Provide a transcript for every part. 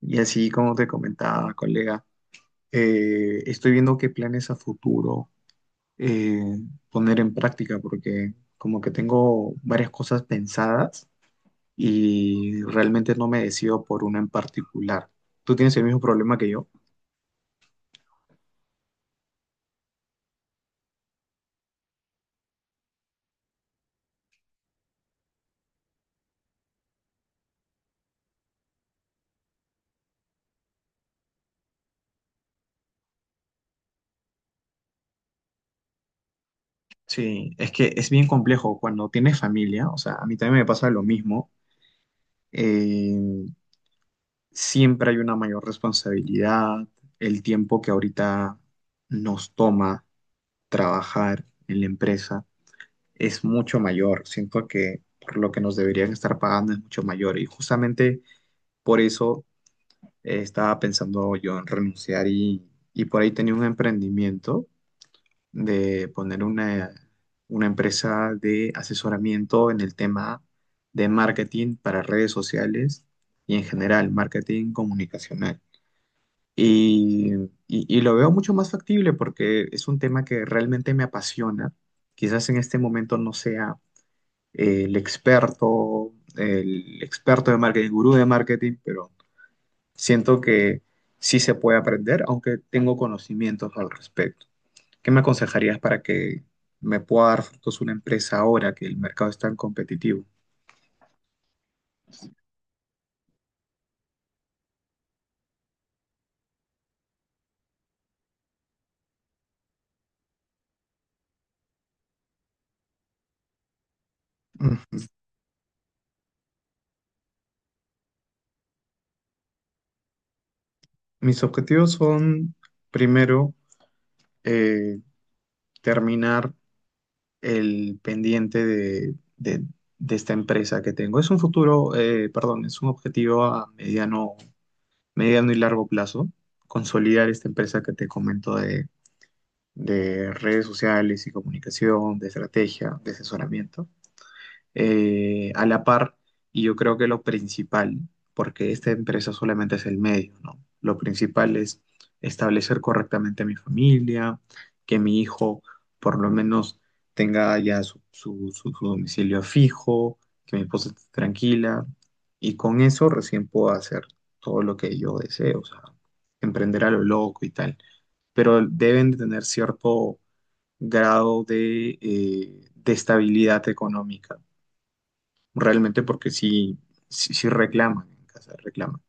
Y así como te comentaba, colega, estoy viendo qué planes a futuro eh, poner en práctica, porque como que tengo varias cosas pensadas y realmente no me decido por una en particular. ¿Tú tienes el mismo problema que yo? Sí, es que es bien complejo cuando tienes familia, o sea, a mí también me pasa lo mismo, eh, siempre hay una mayor responsabilidad, el tiempo que ahorita nos toma trabajar en la empresa es mucho mayor. Siento que por lo que nos deberían estar pagando es mucho mayor y justamente por eso estaba pensando yo en renunciar y por ahí tenía un emprendimiento de poner una empresa de asesoramiento en el tema de marketing para redes sociales y en general marketing comunicacional. Y, y lo veo mucho más factible porque es un tema que realmente me apasiona. Quizás en este momento no sea el experto de marketing, el gurú de marketing, pero siento que sí se puede aprender, aunque tengo conocimientos al respecto. ¿Qué me aconsejarías para que me pueda dar frutos una empresa ahora que el mercado es tan competitivo? Mm. Mis objetivos son, primero, eh, terminar el pendiente de, de esta empresa que tengo. Es un futuro, perdón, es un objetivo a mediano mediano y largo plazo, consolidar esta empresa que te comento de redes sociales y comunicación, de estrategia, de asesoramiento a la par y yo creo que lo principal, porque esta empresa solamente es el medio, ¿no? Lo principal es establecer correctamente a mi familia, que mi hijo por lo menos tenga ya su, su domicilio fijo, que mi esposa esté tranquila y con eso recién puedo hacer todo lo que yo deseo, o sea, emprender a lo loco y tal, pero deben de tener cierto grado de estabilidad económica realmente porque sí, sí reclaman en casa, reclaman.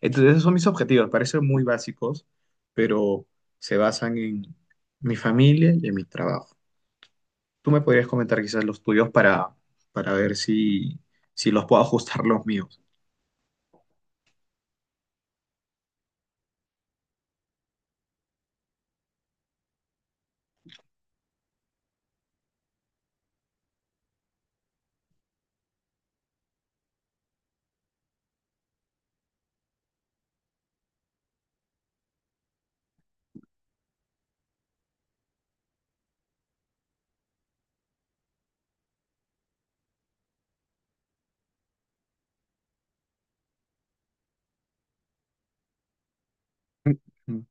Entonces, esos son mis objetivos, parecen muy básicos, pero se basan en mi familia y en mi trabajo. Tú me podrías comentar quizás los tuyos para ver si, si los puedo ajustar los míos. Mm.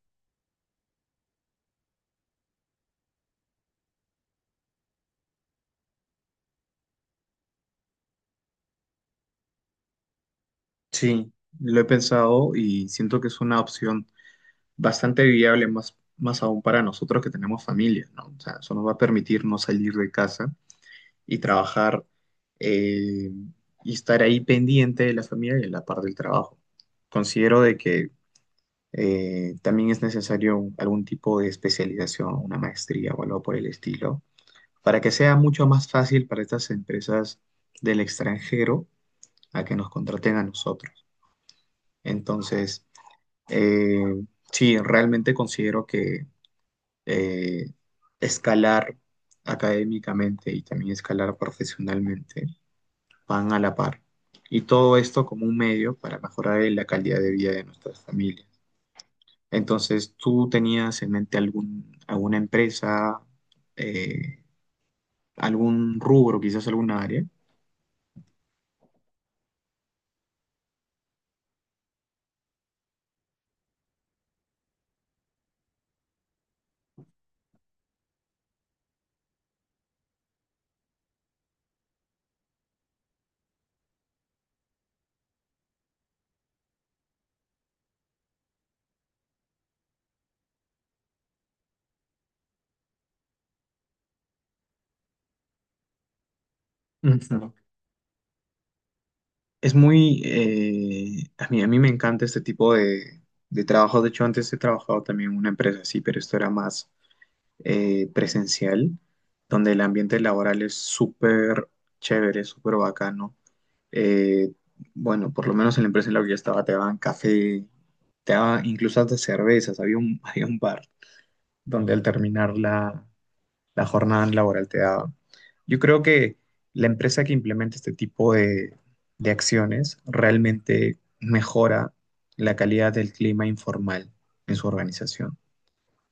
Sí, lo he pensado y siento que es una opción bastante viable, más, más aún para nosotros que tenemos familia, ¿no? O sea, eso nos va a permitir no salir de casa y trabajar eh, y estar ahí pendiente de la familia y de la parte del trabajo. Considero de que también es necesario algún tipo de especialización, una maestría o algo por el estilo, para que sea mucho más fácil para estas empresas del extranjero a que nos contraten a nosotros. Entonces, eh, sí, realmente considero que eh, escalar académicamente y también escalar profesionalmente van a la par. Y todo esto como un medio para mejorar la calidad de vida de nuestras familias. Entonces, ¿tú tenías en mente algún, alguna empresa, eh, algún rubro, quizás alguna área? Ujú. Es muy, a mí me encanta este tipo de trabajo. De hecho, antes he trabajado también en una empresa así, pero esto era más presencial, donde el ambiente laboral es súper chévere, súper bacano. eh, bueno, por lo menos en la empresa en la que yo estaba te daban café, te daban incluso hasta cervezas, había un, había un bar donde al terminar la, la jornada laboral te daban. Yo creo que la empresa que implementa este tipo de acciones realmente mejora la calidad del clima informal en su organización.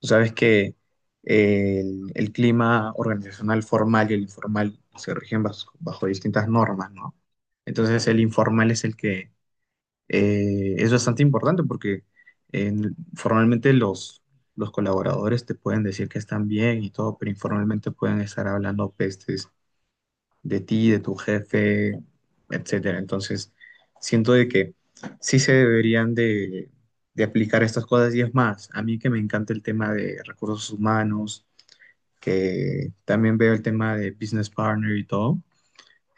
Tú sabes que el clima organizacional formal y el informal se rigen bajo, distintas normas, ¿no? Entonces el informal es el que es bastante importante porque formalmente los colaboradores te pueden decir que están bien y todo, pero informalmente pueden estar hablando pestes de ti, de tu jefe, etcétera. Entonces, siento de que sí se deberían de aplicar estas cosas y es más, a mí que me encanta el tema de recursos humanos, que también veo el tema de business partner y todo,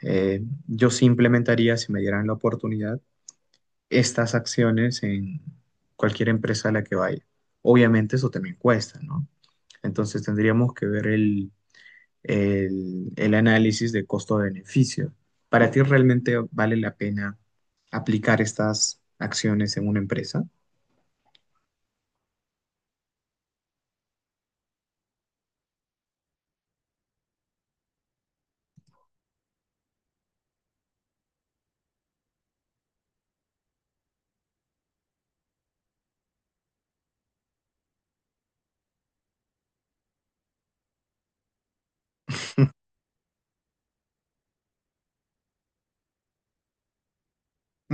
yo sí implementaría, si me dieran la oportunidad, estas acciones en cualquier empresa a la que vaya. Obviamente eso también cuesta, ¿no? Entonces tendríamos que ver el, el análisis de costo-beneficio. ¿Para ti realmente vale la pena aplicar estas acciones en una empresa?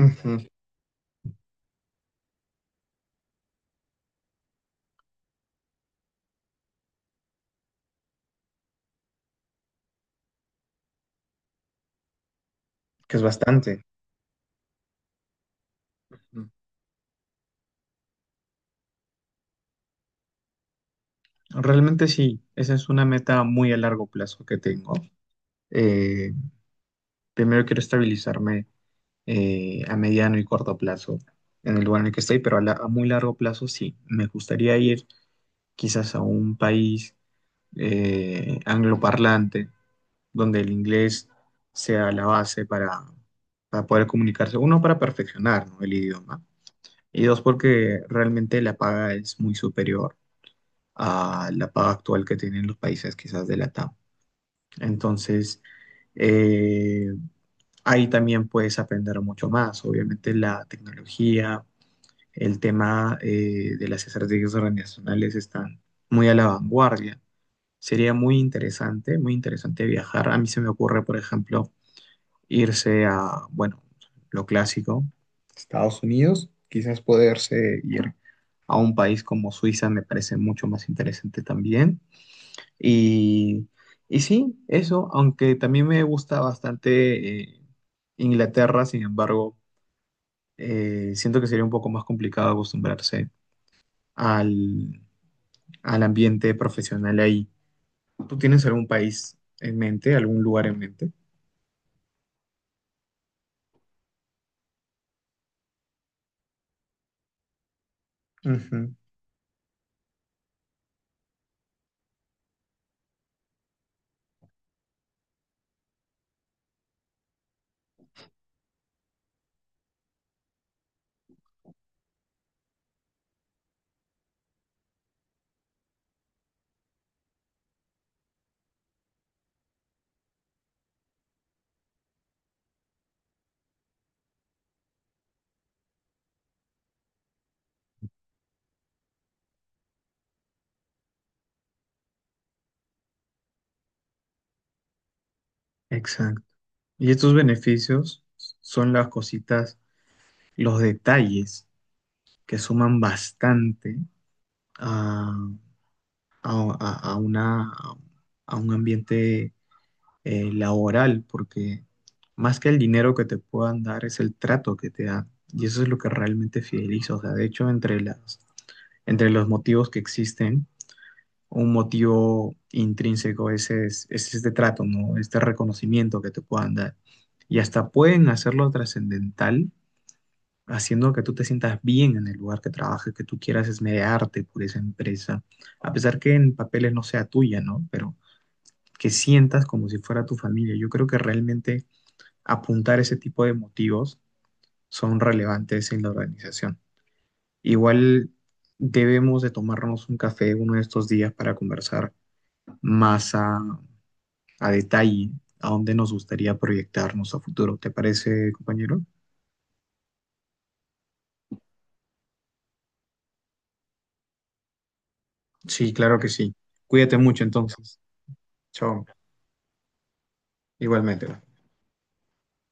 Ujú. Que es bastante. Ujú. Realmente sí, esa es una meta muy a largo plazo que tengo. Eh, primero quiero estabilizarme a mediano y corto plazo en el lugar en el que estoy, pero a, a muy largo plazo sí. Me gustaría ir quizás a un país angloparlante donde el inglés sea la base para poder comunicarse. Uno, para perfeccionar, ¿no? El idioma. Y dos, porque realmente la paga es muy superior a la paga actual que tienen los países quizás de la TAM. Entonces, eh, ahí también puedes aprender mucho más. Obviamente la tecnología, el tema de las estrategias organizacionales están muy a la vanguardia. Sería muy interesante viajar. A mí se me ocurre, por ejemplo, irse a, bueno, lo clásico, Estados Unidos, quizás poderse ir a un país como Suiza me parece mucho más interesante también. Y, y sí, eso, aunque también me gusta bastante Inglaterra, sin embargo, siento que sería un poco más complicado acostumbrarse al, al ambiente profesional ahí. ¿Tú tienes algún país en mente, algún lugar en mente? Ujú. Exacto. Y estos beneficios son las cositas, los detalles que suman bastante a, a una, a un ambiente laboral, porque más que el dinero que te puedan dar es el trato que te dan. Y eso es lo que realmente fideliza. O sea, de hecho, entre las, entre los motivos que existen, un motivo intrínseco es, es este trato, ¿no? Este reconocimiento que te puedan dar. Y hasta pueden hacerlo trascendental haciendo que tú te sientas bien en el lugar que trabajes que tú quieras esmerarte por esa empresa, a pesar que en papeles no sea tuya, ¿no? Pero que sientas como si fuera tu familia. Yo creo que realmente apuntar ese tipo de motivos son relevantes en la organización. Igual debemos de tomarnos un café uno de estos días para conversar más a detalle a dónde nos gustaría proyectarnos a futuro. ¿Te parece, compañero? Sí, claro que sí. Cuídate mucho entonces. Chao. Igualmente.